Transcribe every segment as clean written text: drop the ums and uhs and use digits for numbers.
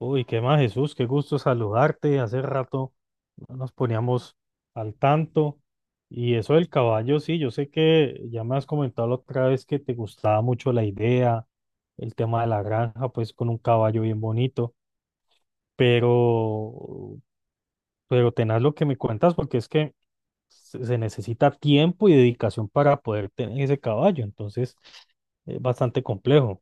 Uy, qué más, Jesús, qué gusto saludarte. Hace rato no nos poníamos al tanto. Y eso del caballo, sí, yo sé que ya me has comentado la otra vez que te gustaba mucho la idea, el tema de la granja, pues con un caballo bien bonito, pero, pero tenaz lo que me cuentas porque es que se necesita tiempo y dedicación para poder tener ese caballo. Entonces, bastante complejo.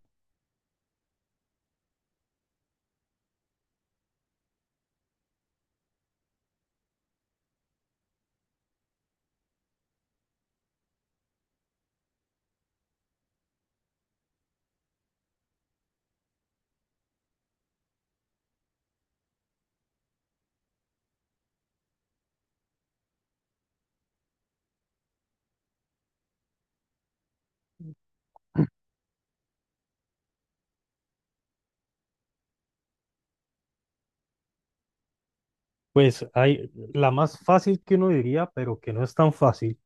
Pues hay la más fácil que uno diría, pero que no es tan fácil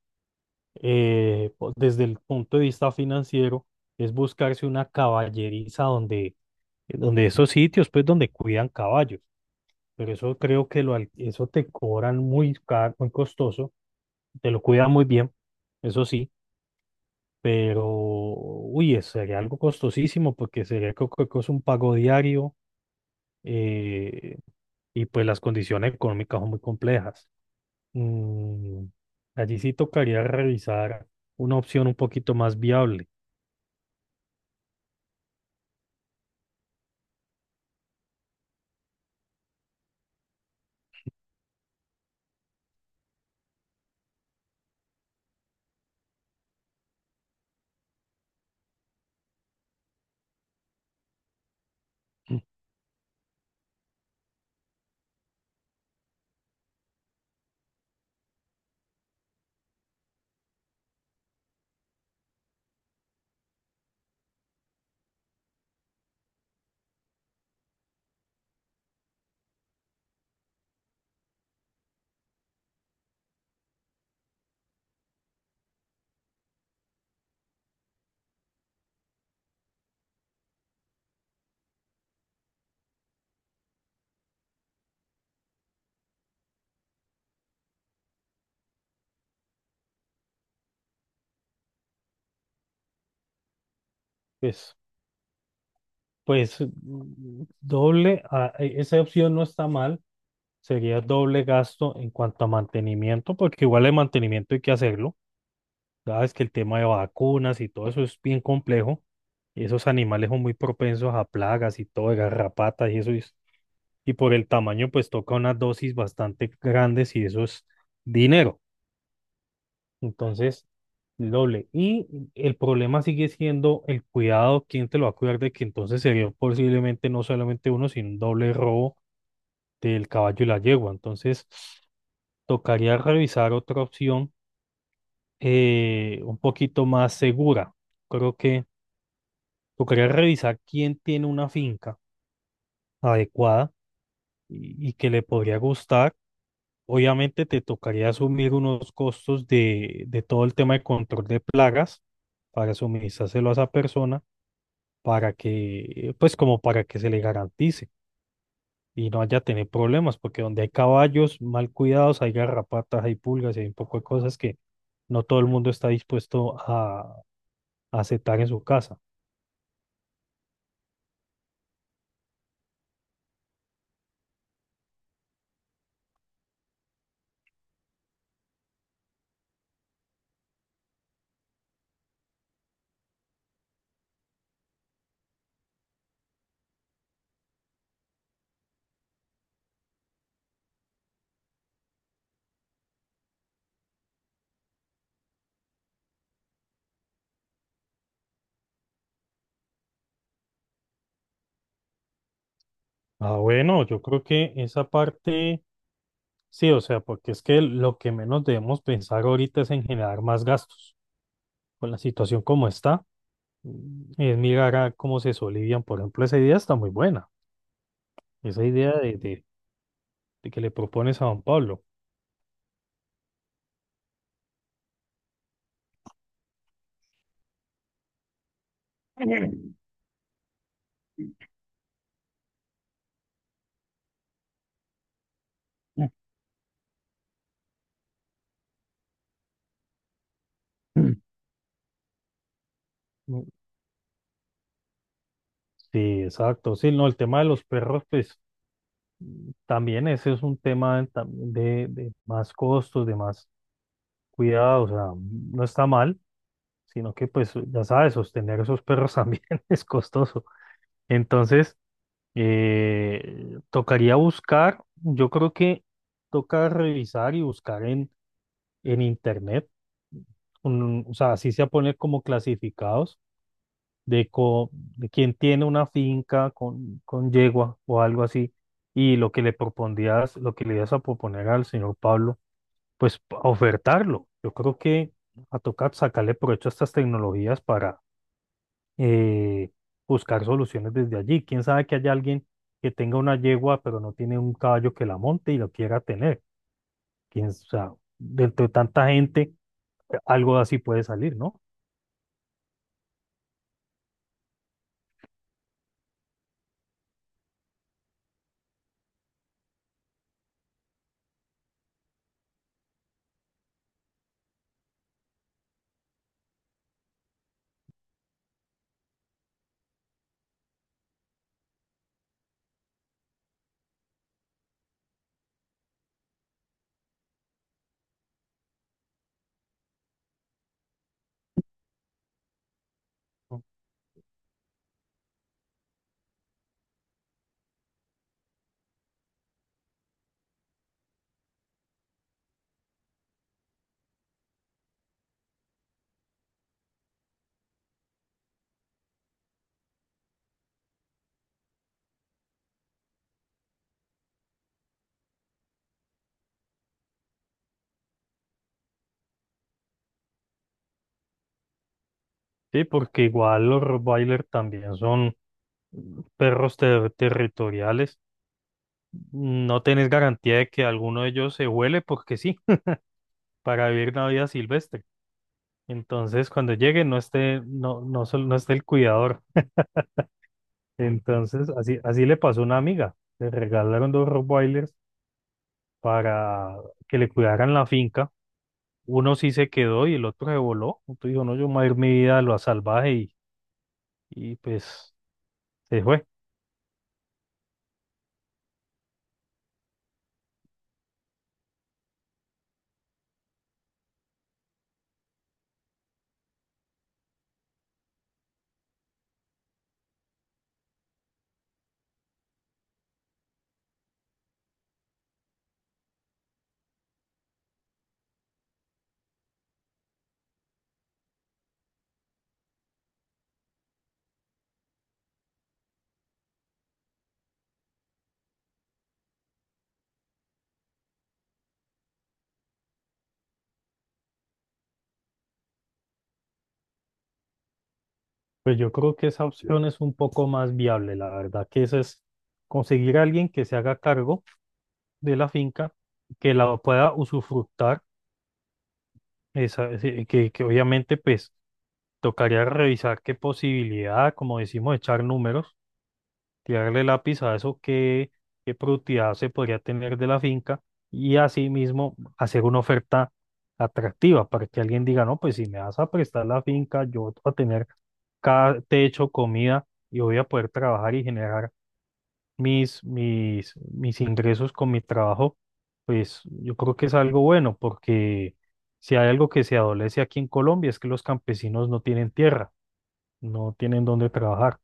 desde el punto de vista financiero, es buscarse una caballeriza donde, donde esos sitios, pues donde cuidan caballos, pero eso creo que lo, al- eso te cobran muy caro, muy costoso, te lo cuidan muy bien, eso sí, pero, uy, eso sería algo costosísimo porque sería creo que co- co- es un pago diario eh, y pues las condiciones económicas son muy complejas. Mm, allí sí tocaría revisar una opción un poquito más viable. Mm, Pues, pues, doble, ah, e- esa opción no está mal, sería doble gasto en cuanto a mantenimiento, porque igual el mantenimiento hay que hacerlo. Sabes que el tema de vacunas y todo eso es bien complejo. Esos animales son muy propensos a plagas y todo, de garrapatas y eso. Y por el tamaño, pues toca unas dosis bastante grandes y eso es dinero. Entonces, el doble. Y el problema sigue siendo el cuidado, quién te lo va a cuidar de que entonces sería posiblemente no solamente uno, sino un doble robo del caballo y la yegua. Entonces, tocaría revisar otra opción un poquito más segura. Creo que tocaría revisar quién tiene una finca adecuada y que le podría gustar. Obviamente te tocaría asumir unos costos de todo el tema de control de plagas para suministrárselo a esa persona para que, pues como para que se le garantice y no haya tener problemas, porque donde hay caballos mal cuidados, hay garrapatas, hay pulgas y hay un poco de cosas que no todo el mundo está dispuesto a aceptar en su casa. Ah, bueno, yo creo que esa parte, sí, o sea, porque es que lo que menos debemos pensar ahorita es en generar más gastos. Con la situación como está, mm, es mirar a cómo se solivian. Por ejemplo, esa idea está muy buena, esa idea de que le propones a don Pablo. Mm, Sí, exacto. Sí, no, el tema de los perros, pues también ese es un tema también de más costos, de más cuidado. O sea, mm, no está mal, sino que pues ya sabes, sostener esos perros también es costoso. Entonces, tocaría buscar, yo creo que toca revisar y buscar en internet, un- o sea, así se pone como clasificados de, co- de quien tiene una finca con yegua o algo así, y lo que le propondías, lo que le ibas a proponer al señor Pablo, pues p- ofertarlo. Yo creo que a tocar sacarle provecho a estas tecnologías para eh, buscar soluciones desde allí. Quién sabe que haya alguien que tenga una yegua, pero no tiene un caballo que la monte y lo quiera tener. Quién, o sea, dentro de tanta gente, algo así puede salir, ¿no? Sí, porque igual los Rottweiler también son perros ter- territoriales, no tenés garantía de que alguno de ellos se huele porque sí, para vivir una vida silvestre. Entonces, cuando llegue, no esté, no, no, sol- no esté el cuidador. Entonces, así, así le pasó a una amiga. Le regalaron dos Rottweilers para que le cuidaran la finca. Uno sí se quedó y el otro se voló. Entonces dijo, no, yo me voy a ir mi vida a lo salvaje y pues se fue. Pues yo creo que esa opción es un poco más viable, la verdad, que esa es conseguir a alguien que se haga cargo de la finca, que la pueda usufructar, esa, ese- que obviamente pues tocaría revisar qué posibilidad, como decimos, echar números tirarle lápiz a eso que qué productividad se podría tener de la finca y asimismo hacer una oferta atractiva para que alguien diga, no, pues si me vas a prestar la finca, yo voy a tener cada techo, comida y voy a poder trabajar y generar mis ingresos con mi trabajo, pues yo creo que es algo bueno porque si hay algo que se adolece aquí en Colombia es que los campesinos no tienen tierra, no tienen dónde trabajar.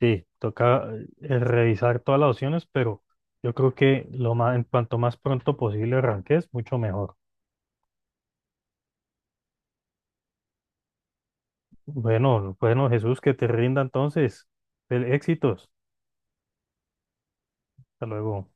Sí, toca revisar todas las opciones, pero yo creo que lo más, en cuanto más pronto posible arranques, mucho mejor. Bueno, bueno, Jesús, que te rinda entonces. Fel- Éxitos. Hasta luego.